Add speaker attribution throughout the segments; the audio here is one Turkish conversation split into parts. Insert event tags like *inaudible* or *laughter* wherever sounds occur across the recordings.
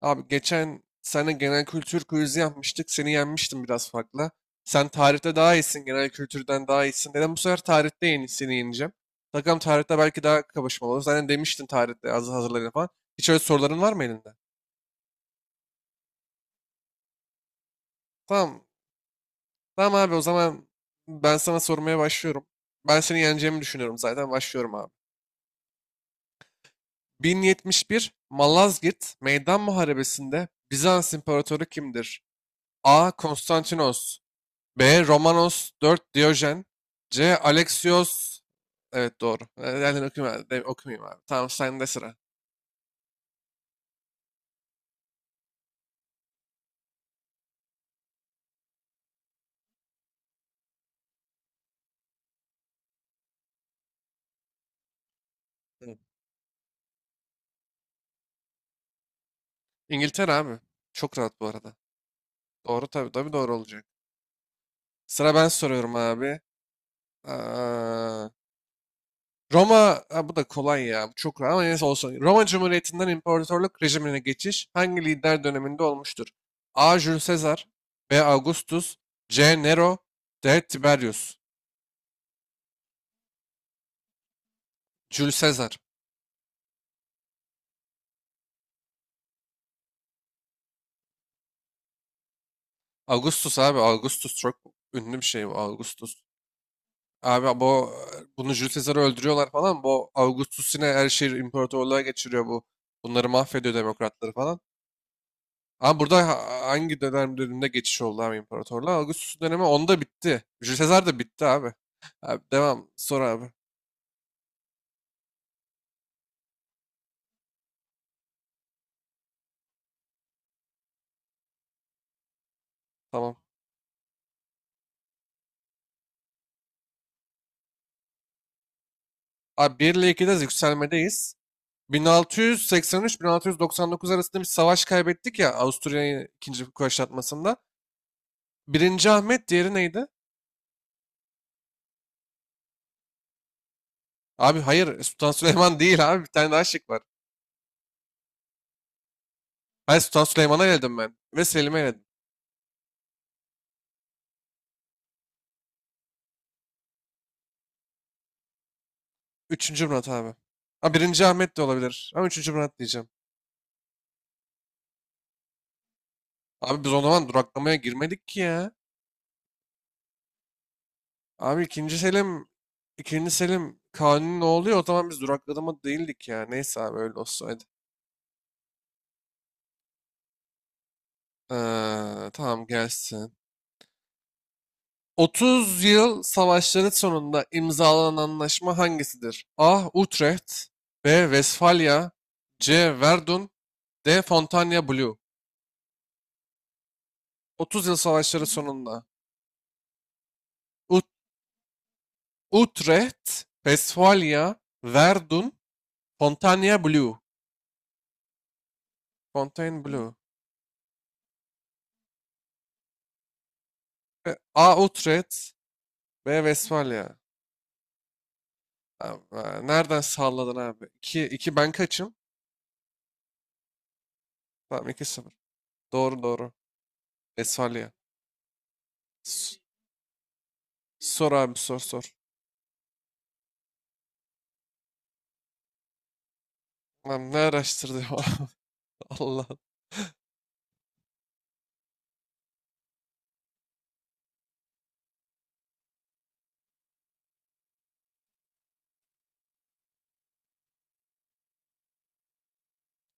Speaker 1: Abi geçen sene genel kültür quizi yapmıştık. Seni yenmiştim biraz farkla. Sen tarihte daha iyisin. Genel kültürden daha iyisin. Dedim bu sefer tarihte yeni, seni yeneceğim. Bakalım tarihte belki daha kapışmalı olur. Zaten demiştin tarihte az hazırlayın falan. Hiç öyle soruların var mı elinde? Tamam. Tamam abi o zaman ben sana sormaya başlıyorum. Ben seni yeneceğimi düşünüyorum zaten. Başlıyorum abi. 1071 Malazgirt Meydan Muharebesi'nde Bizans İmparatoru kimdir? A. Konstantinos B. Romanos 4 Diyojen. C. Alexios. Evet doğru. Yani okuyayım, abi, okumayayım abi. Tamam sende sıra. Evet. İngiltere abi. Çok rahat bu arada. Doğru tabii tabii doğru olacak. Sıra ben soruyorum abi. Aa, Roma ha, bu da kolay ya. Bu çok rahat ama neyse olsun. Roma Cumhuriyeti'nden imparatorluk rejimine geçiş hangi lider döneminde olmuştur? A. Jules Caesar B. Augustus C. Nero D. Tiberius. Jules Caesar. Augustus abi. Augustus çok ünlü bir şey bu. Augustus. Abi bunu Jules Caesar'ı öldürüyorlar falan. Bu Augustus yine her şeyi imparatorluğa geçiriyor bu. Bunları mahvediyor demokratları falan. Ama burada hangi döneminde geçiş oldu abi imparatorluğa? Augustus dönemi onda bitti. Jules Caesar da bitti abi. Abi devam. Sor abi. Tamam. Abi 1 ile 2'de yükselmedeyiz. 1683-1699 arasında bir savaş kaybettik ya Avusturya'yı ikinci kuşatmasında. Birinci Ahmet diğeri neydi? Abi hayır Sultan Süleyman *laughs* değil abi. Bir tane daha şık var. Hayır Sultan Süleyman'a eledim ben. Ve Selim'e eledim. Üçüncü Murat abi. Ha birinci Ahmet de olabilir. Ama üçüncü Murat diyeceğim. Abi biz o zaman duraklamaya girmedik ki ya. Abi ikinci Selim Kanuni ne oluyor? O zaman biz duraklama değildik ya. Neyse abi öyle olsaydı. Tamam gelsin. Otuz Yıl Savaşları sonunda imzalanan anlaşma hangisidir? A. Utrecht B. Westfalia C. Verdun D. Fontainebleau Blue 30 Yıl Savaşları sonunda Ut Utrecht, Westfalia, Verdun, Fontainebleau Fontainebleau. A. Utrecht B. Westfalia. Tamam, Nereden sağladın abi? 2, 2 ben kaçım? Tamam 2-0. Doğru doğru. Westfalia. S- Sor abi sor sor. Lan ne araştırdı ya? *laughs* Allah.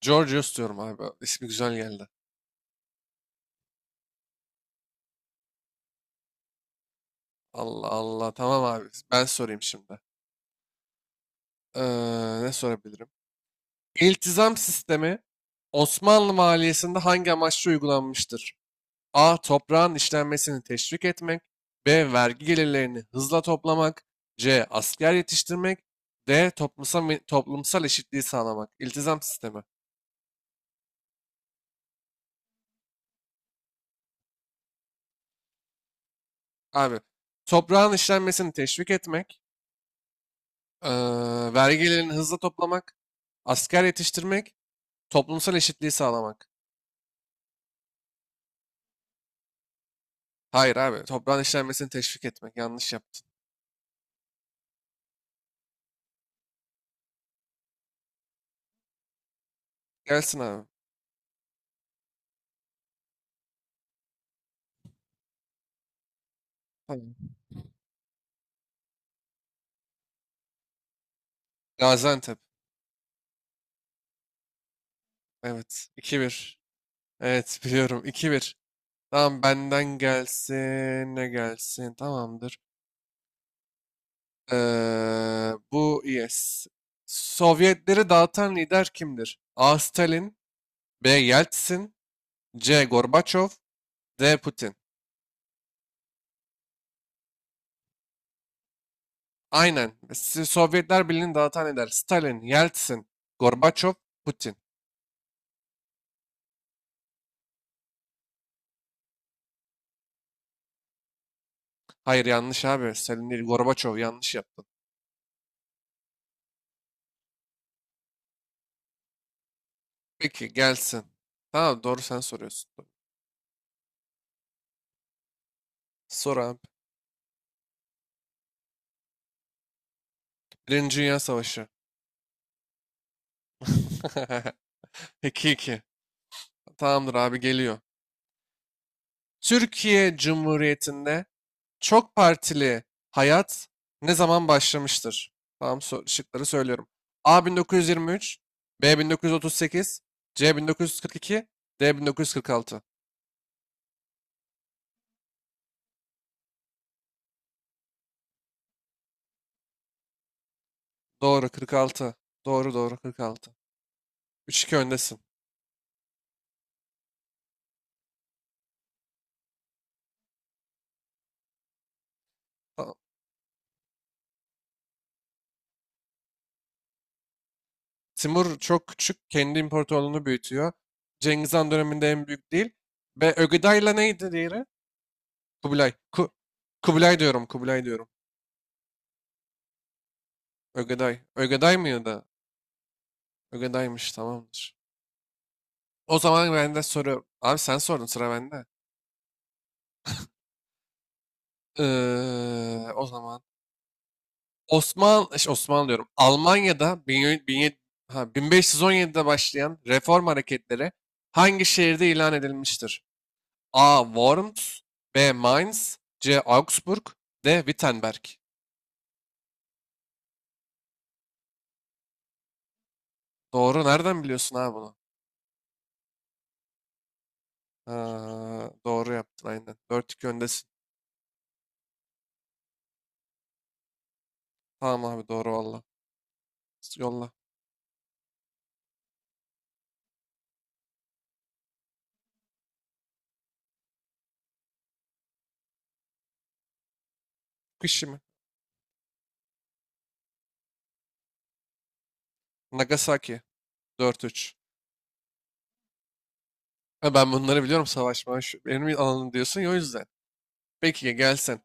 Speaker 1: Georgios diyorum abi. İsmi güzel geldi. Allah Allah. Tamam abi. Ben sorayım şimdi. Ne sorabilirim? İltizam sistemi Osmanlı maliyesinde hangi amaçla uygulanmıştır? A. Toprağın işlenmesini teşvik etmek. B. Vergi gelirlerini hızla toplamak. C. Asker yetiştirmek. D. Toplumsal eşitliği sağlamak. İltizam sistemi. Abi. Toprağın işlenmesini teşvik etmek. Vergilerini hızlı toplamak, asker yetiştirmek, toplumsal eşitliği sağlamak. Hayır abi, toprağın işlenmesini teşvik etmek. Yanlış yaptın. Gelsin abi. Tamam. Gaziantep. Evet. 2 bir. Evet biliyorum. 2 bir. Tamam benden gelsin. Ne gelsin? Tamamdır. Bu yes. Sovyetleri dağıtan lider kimdir? A. Stalin, B. Yeltsin, C. Gorbaçov, D. Putin. Aynen. Sovyetler Birliği'ni dağıtan eder. Stalin, Yeltsin, Gorbaçov, Putin. Hayır yanlış abi. Stalin değil Gorbaçov yanlış yaptın. Peki gelsin. Tamam doğru sen soruyorsun. Sor abi. Birinci Dünya Savaşı. *laughs* 2-2. Tamamdır abi geliyor. Türkiye Cumhuriyeti'nde çok partili hayat ne zaman başlamıştır? Tamam şıkları söylüyorum. A 1923, B 1938, C 1942, D 1946. Doğru 46. Doğru doğru 46. 3-2 öndesin. Tamam. Timur çok küçük. Kendi imparatorluğunu büyütüyor. Cengiz Han döneminde en büyük değil. Ve Ögeday'la neydi diğeri? Kubilay. Kubilay diyorum. Kubilay diyorum. Ögeday. Ögeday mıydı? Ögeday'mış tamamdır. O zaman ben de soruyorum. Abi sen sordun sıra bende. O zaman. Osmanlı diyorum. Almanya'da 1517'de başlayan reform hareketleri hangi şehirde ilan edilmiştir? A. Worms B. Mainz C. Augsburg D. Wittenberg. Doğru. Nereden biliyorsun abi bunu? Ha, doğru yaptın aynen. 4-2 öndesin. Tamam abi doğru valla. Yolla. Kişi mi? Nagasaki. 4-3. Ha, ben bunları biliyorum savaşma. Şu, benim alanım diyorsun ya o yüzden. Peki gelsen.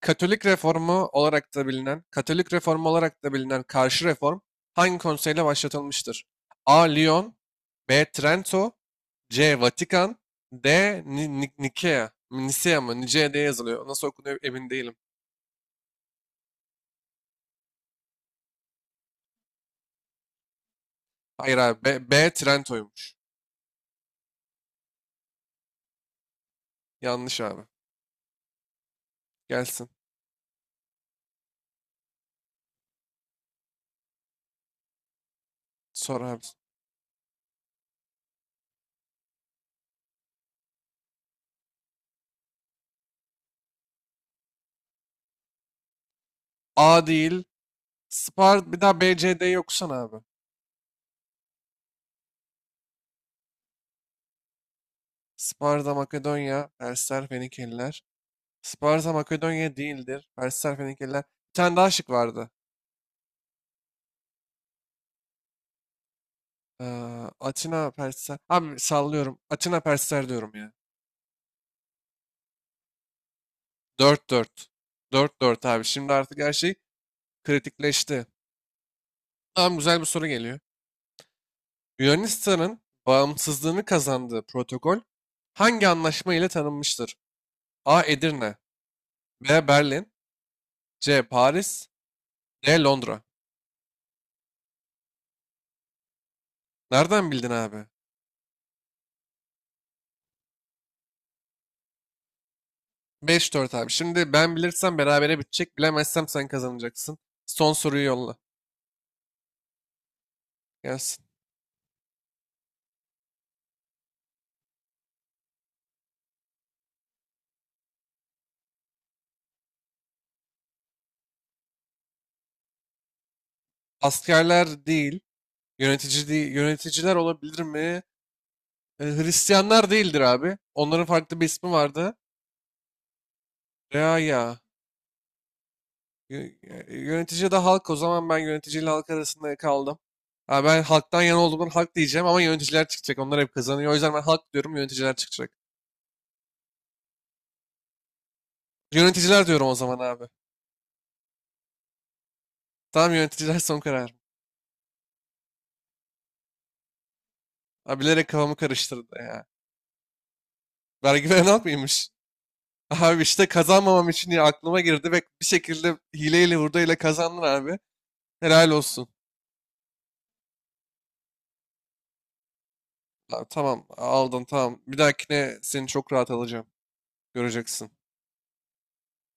Speaker 1: Katolik reformu olarak da bilinen karşı reform hangi konseyle başlatılmıştır? A. Lyon B. Trento C. Vatikan D. Nikea Nisea mı? Nicea diye yazılıyor. Nasıl okunuyor emin değilim. Hayır abi. B Trento'ymuş. Yanlış abi. Gelsin. Sor abi. A değil. Bir daha B, C, D'yi okusana abi. Sparta, Makedonya, Persler, Fenikeliler. Sparta, Makedonya değildir. Persler, Fenikeliler. Bir tane daha şık vardı. Ee, Atina Persler. Abi sallıyorum. Atina Persler diyorum ya. Dört dört, dört dört abi. Şimdi artık her şey kritikleşti. Tamam güzel bir soru geliyor. Yunanistan'ın bağımsızlığını kazandığı protokol hangi anlaşma ile tanınmıştır? A. Edirne B. Berlin C. Paris D. Londra Nereden bildin abi? 5-4 abi. Şimdi ben bilirsem berabere bitecek. Bilemezsem sen kazanacaksın. Son soruyu yolla. Gelsin. Askerler değil. Yönetici değil, yöneticiler olabilir mi? Hristiyanlar değildir abi. Onların farklı bir ismi vardı. Reaya. Yö- Yönetici de halk. O zaman ben yöneticiyle halk arasında kaldım. Ha, ben halktan yana olduğumdan halk diyeceğim ama yöneticiler çıkacak. Onlar hep kazanıyor. O yüzden ben halk diyorum, yöneticiler çıkacak. Yöneticiler diyorum o zaman abi. Tamam yöneticiler son karar. Abi bilerek kafamı karıştırdı ya. Vergi veren halk mıymış? *laughs* Abi işte kazanmamam için diye aklıma girdi ve bir şekilde hileyle hurdayla kazandın abi. Helal olsun. Abi tamam aldın tamam. Bir dahakine seni çok rahat alacağım. Göreceksin.